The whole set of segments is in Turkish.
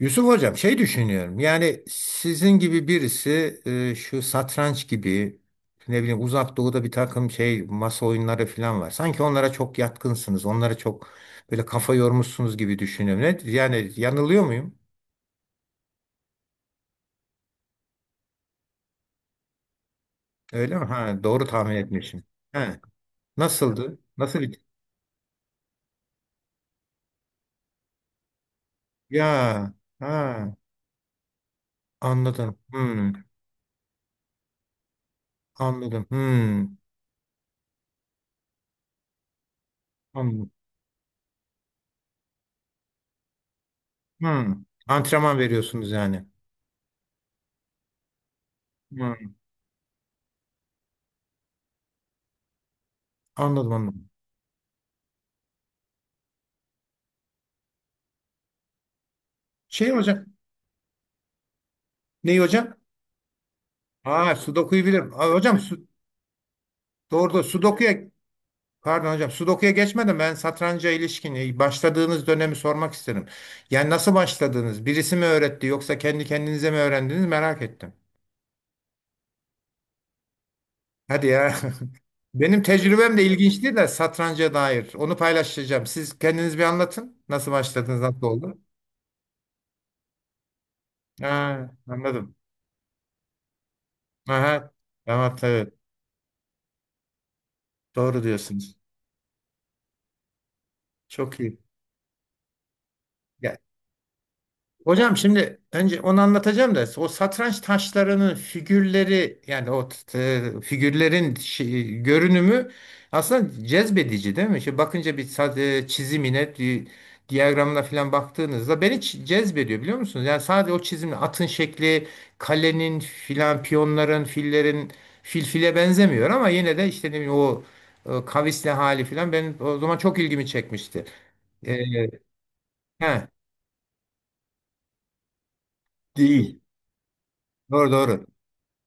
Yusuf Hocam şey düşünüyorum yani sizin gibi birisi şu satranç gibi ne bileyim uzak doğuda bir takım şey masa oyunları falan var. Sanki onlara çok yatkınsınız onlara çok böyle kafa yormuşsunuz gibi düşünüyorum. Ne, yani yanılıyor muyum? Öyle mi? Ha, doğru tahmin etmişim. Ha, nasıldı? Nasıl bir... Ya ha, anladım. Hmm, anladım. Hmm, anladım. Hmm. Antrenman veriyorsunuz yani. Hmm, anladım anladım. Şey hocam, neyi hocam? Ha, Sudoku'yu bilirim. Aa, doğru doğru. Sudoku'ya pardon hocam Sudoku'ya geçmeden ben satranca ilişkin başladığınız dönemi sormak isterim. Yani nasıl başladınız? Birisi mi öğretti yoksa kendi kendinize mi öğrendiniz merak ettim. Hadi ya. Benim tecrübem de ilginçti de satranca dair. Onu paylaşacağım. Siz kendiniz bir anlatın. Nasıl başladınız? Nasıl oldu? Ha, anladım. Aha, tamam, evet. Doğru diyorsunuz. Çok iyi. Hocam şimdi önce onu anlatacağım da o satranç taşlarının figürleri yani figürlerin görünümü aslında cezbedici değil mi? Şimdi bakınca çizimine, diyagramına falan baktığınızda beni cezbediyor biliyor musunuz? Yani sadece o çizimle atın şekli, kalenin filan, piyonların, fillerin fil file benzemiyor ama yine de işte ne bileyim o kavisli hali filan benim o zaman çok ilgimi çekmişti. E, he, değil. Doğru doğru.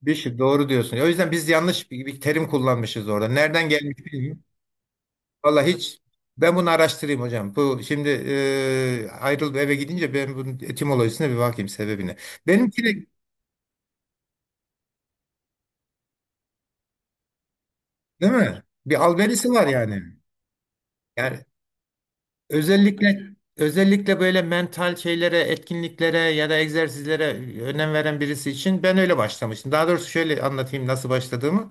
Bishop doğru diyorsun. O yüzden biz yanlış bir terim kullanmışız orada. Nereden gelmiş bilmiyorum. Valla hiç ben bunu araştırayım hocam. Bu şimdi ayrılıp eve gidince ben bunun etimolojisine bir bakayım sebebine. Benimki de değil mi? Bir alberisi var yani. Yani Özellikle özellikle böyle mental şeylere, etkinliklere ya da egzersizlere önem veren birisi için ben öyle başlamıştım. Daha doğrusu şöyle anlatayım nasıl başladığımı.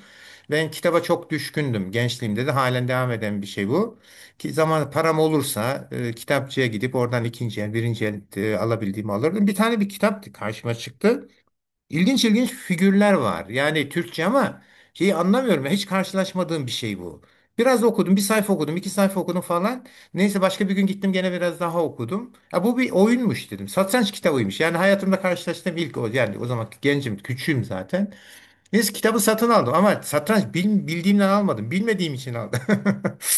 Ben kitaba çok düşkündüm gençliğimde, de halen devam eden bir şey bu. Ki zaman param olursa kitapçıya gidip oradan ikinci el, birinci el alabildiğimi alırdım. Bir tane bir kitap karşıma çıktı. İlginç ilginç figürler var. Yani Türkçe ama şeyi anlamıyorum. Hiç karşılaşmadığım bir şey bu. Biraz okudum, bir sayfa okudum, iki sayfa okudum falan. Neyse başka bir gün gittim gene biraz daha okudum. Ya bu bir oyunmuş dedim. Satranç kitabıymış. Yani hayatımda karşılaştığım ilk o. Yani o zaman gencim, küçüğüm zaten. Neyse kitabı satın aldım ama satranç bildiğimden almadım. Bilmediğim için aldım.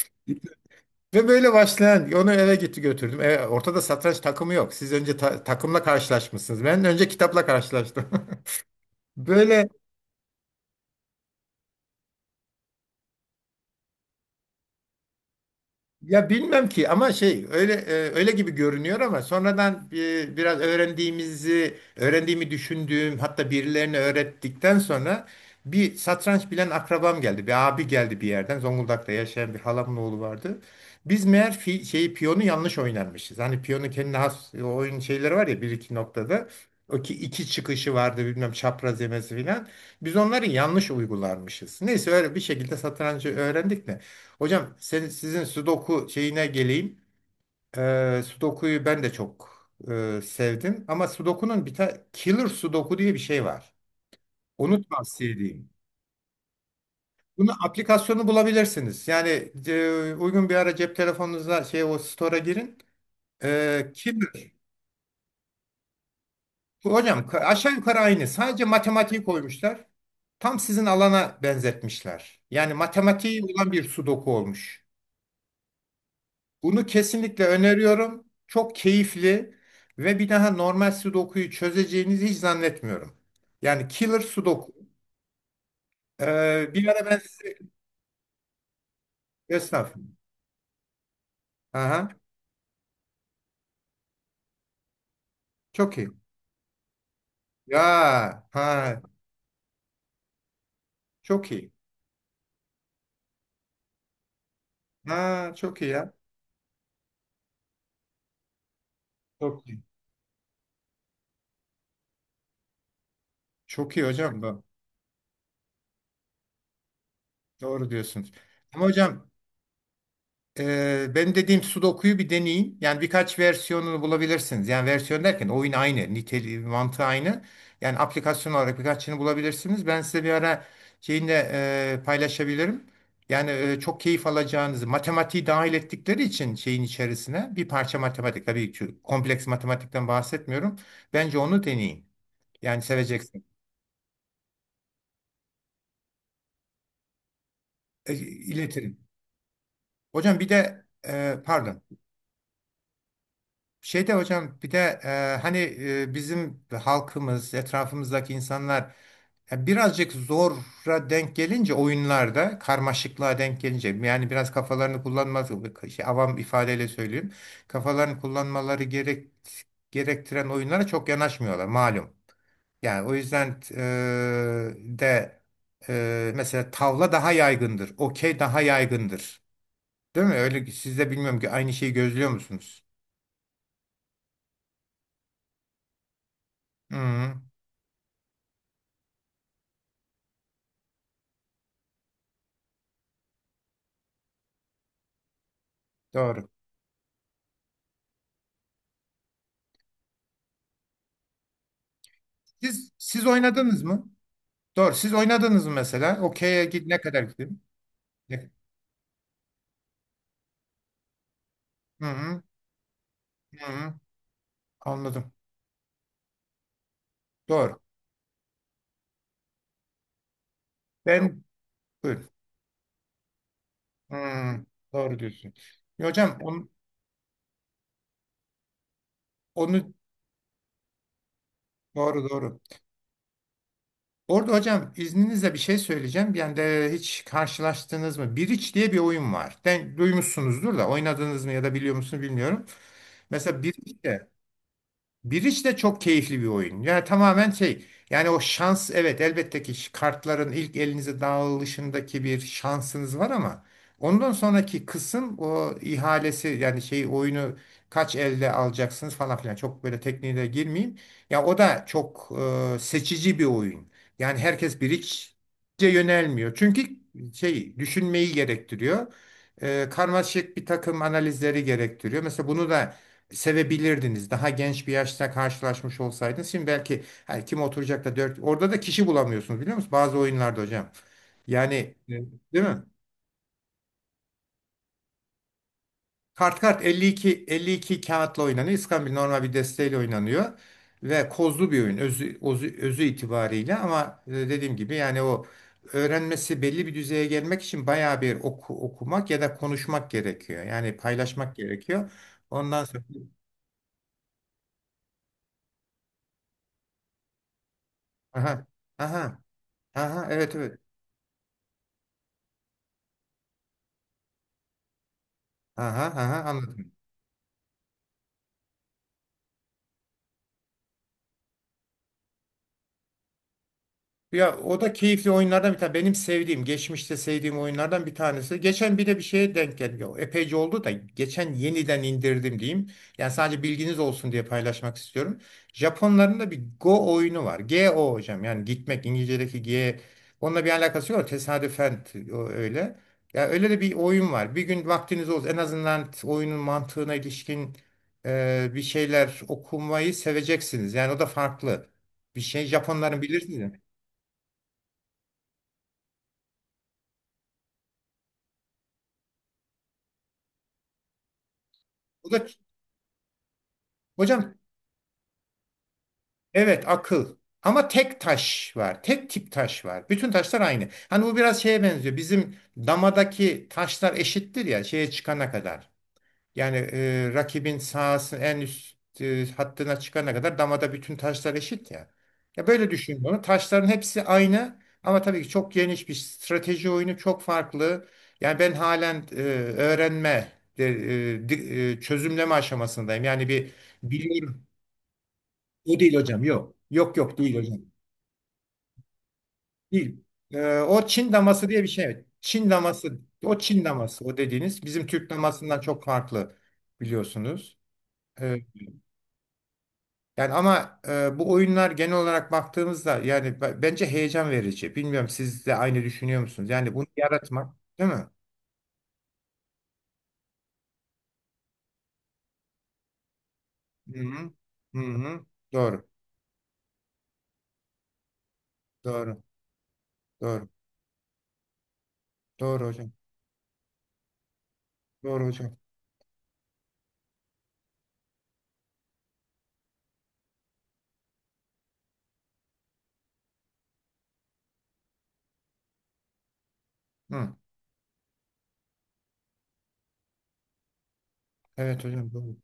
Ve böyle başlayan onu eve gitti götürdüm. Ortada satranç takımı yok. Siz önce takımla karşılaşmışsınız. Ben önce kitapla karşılaştım. Böyle ya bilmem ki ama şey öyle öyle gibi görünüyor ama sonradan biraz öğrendiğimi düşündüğüm, hatta birilerine öğrettikten sonra bir satranç bilen akrabam geldi. Bir abi geldi bir yerden. Zonguldak'ta yaşayan bir halamın oğlu vardı. Biz meğer şeyi piyonu yanlış oynarmışız. Hani piyonun kendine has oyun şeyleri var ya bir iki noktada. O ki iki çıkışı vardı bilmem çapraz yemesi filan. Biz onları yanlış uygularmışız. Neyse öyle bir şekilde satrancı öğrendik de. Hocam sizin Sudoku şeyine geleyim. Sudoku'yu ben de çok sevdim. Ama Sudoku'nun bir tane Killer Sudoku diye bir şey var. Onu tavsiye edeyim. Bunu aplikasyonu bulabilirsiniz. Yani uygun bir ara cep telefonunuza şey o store'a girin. Killer. Bu hocam aşağı yukarı aynı. Sadece matematiği koymuşlar. Tam sizin alana benzetmişler. Yani matematiği olan bir Sudoku olmuş. Bunu kesinlikle öneriyorum. Çok keyifli ve bir daha normal sudokuyu çözeceğinizi hiç zannetmiyorum. Yani killer sudoku. Bir ara ben estağfurullah. Aha, çok iyi. Ya ha, çok iyi. Ha, çok iyi ya. Çok iyi. Çok iyi hocam bu. Doğru diyorsunuz. Ama hocam benim dediğim Sudoku'yu bir deneyin. Yani birkaç versiyonunu bulabilirsiniz. Yani versiyon derken oyun aynı, niteliği, mantığı aynı. Yani aplikasyon olarak birkaçını bulabilirsiniz. Ben size bir ara şeyini de paylaşabilirim. Yani çok keyif alacağınızı, matematiği dahil ettikleri için şeyin içerisine bir parça matematik, tabii ki kompleks matematikten bahsetmiyorum. Bence onu deneyin. Yani seveceksin. İletirim. Hocam bir de pardon. Şeyde hocam bir de hani bizim halkımız, etrafımızdaki insanlar birazcık zora denk gelince oyunlarda, karmaşıklığa denk gelince yani biraz kafalarını kullanmaz, şey, avam ifadeyle söyleyeyim. Kafalarını kullanmaları gerektiren oyunlara çok yanaşmıyorlar malum. Yani o yüzden de mesela tavla daha yaygındır, okey daha yaygındır. Değil mi? Öyle, siz de bilmiyorum ki aynı şeyi gözlüyor musunuz? Hı, doğru. Siz oynadınız mı? Doğru. Siz oynadınız mı mesela? Okey'e ne kadar gidin? Ne- Hı hı, hı hı. Anladım. Doğru. Ben buyurun. Hı, doğru diyorsun. Ya hocam onu doğru doğru. Orada hocam izninizle bir şey söyleyeceğim. Yani de hiç karşılaştınız mı? Biriç diye bir oyun var. Den, duymuşsunuzdur da oynadınız mı ya da biliyor musunuz bilmiyorum. Mesela Biriç, Bridge de çok keyifli bir oyun. Yani tamamen şey yani o şans, evet elbette ki kartların ilk elinize dağılışındaki bir şansınız var ama ondan sonraki kısım o ihalesi yani şey oyunu kaç elde alacaksınız falan filan, çok böyle tekniğe girmeyeyim. Ya o da çok seçici bir oyun. Yani herkes Bridge'e yönelmiyor. Çünkü şey düşünmeyi gerektiriyor. Karmaşık bir takım analizleri gerektiriyor. Mesela bunu da sevebilirdiniz. Daha genç bir yaşta karşılaşmış olsaydınız. Şimdi belki her kim oturacak da dört. Orada da kişi bulamıyorsunuz biliyor musunuz? Bazı oyunlarda hocam. Yani evet. Değil mi? Kart 52 kağıtla oynanıyor. İskambil normal bir desteğiyle oynanıyor. Ve kozlu bir oyun özü itibariyle ama dediğim gibi yani o öğrenmesi belli bir düzeye gelmek için bayağı bir okumak ya da konuşmak gerekiyor. Yani paylaşmak gerekiyor. Ondan sonra aha, aha, aha, evet, evet, aha, aha, anladım. Ya o da keyifli oyunlardan bir tane. Benim sevdiğim, geçmişte sevdiğim oyunlardan bir tanesi. Geçen bir de bir şeye denk geldi. O epeyce oldu da geçen yeniden indirdim diyeyim. Yani sadece bilginiz olsun diye paylaşmak istiyorum. Japonların da bir Go oyunu var. G-O hocam, yani gitmek İngilizce'deki G. Onunla bir alakası yok. Tesadüfen o öyle. Ya öyle de bir oyun var. Bir gün vaktiniz olsun, en azından oyunun mantığına ilişkin bir şeyler okumayı seveceksiniz. Yani o da farklı bir şey. Japonların, bilirsiniz. O da, hocam evet, akıl. Ama tek taş var. Tek tip taş var. Bütün taşlar aynı. Hani bu biraz şeye benziyor. Bizim damadaki taşlar eşittir ya şeye çıkana kadar. Yani rakibin sahasının en üst hattına çıkana kadar damada bütün taşlar eşit ya. Ya böyle düşün bunu. Taşların hepsi aynı ama tabii ki çok geniş bir strateji oyunu, çok farklı. Yani ben halen öğrenme, de- çözümleme aşamasındayım. Yani bir biliyorum. O değil hocam, yok. Yok, yok, değil hocam. Değil. O Çin daması diye bir şey. Evet. Çin daması. O Çin daması, o dediğiniz bizim Türk damasından çok farklı biliyorsunuz. Ee, yani ama bu oyunlar genel olarak baktığımızda yani bence heyecan verici. Bilmiyorum siz de aynı düşünüyor musunuz? Yani bunu yaratmak, değil mi? Hı hı. Hı hı. Doğru. Doğru. Doğru. Doğru hocam. Doğru hocam. Hı. Evet hocam, doğru.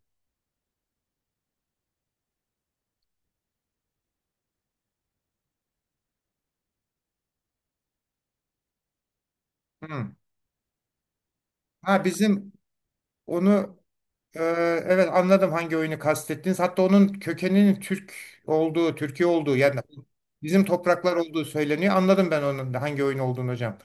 Hı. Ha bizim onu. Ee, evet anladım hangi oyunu kastettiniz. Hatta onun kökeninin Türk olduğu, Türkiye olduğu, yani bizim topraklar olduğu söyleniyor. Anladım ben onun da hangi oyun olduğunu hocam.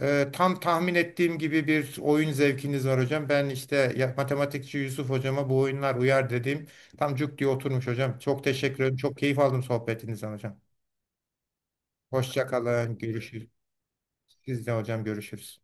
Tam tahmin ettiğim gibi bir oyun zevkiniz var hocam. Ben işte matematikçi Yusuf hocama bu oyunlar uyar dediğim tam cuk diye oturmuş hocam. Çok teşekkür ederim. Çok keyif aldım sohbetinizden hocam. Hoşça kalın. Görüşürüz. Siz de hocam, görüşürüz.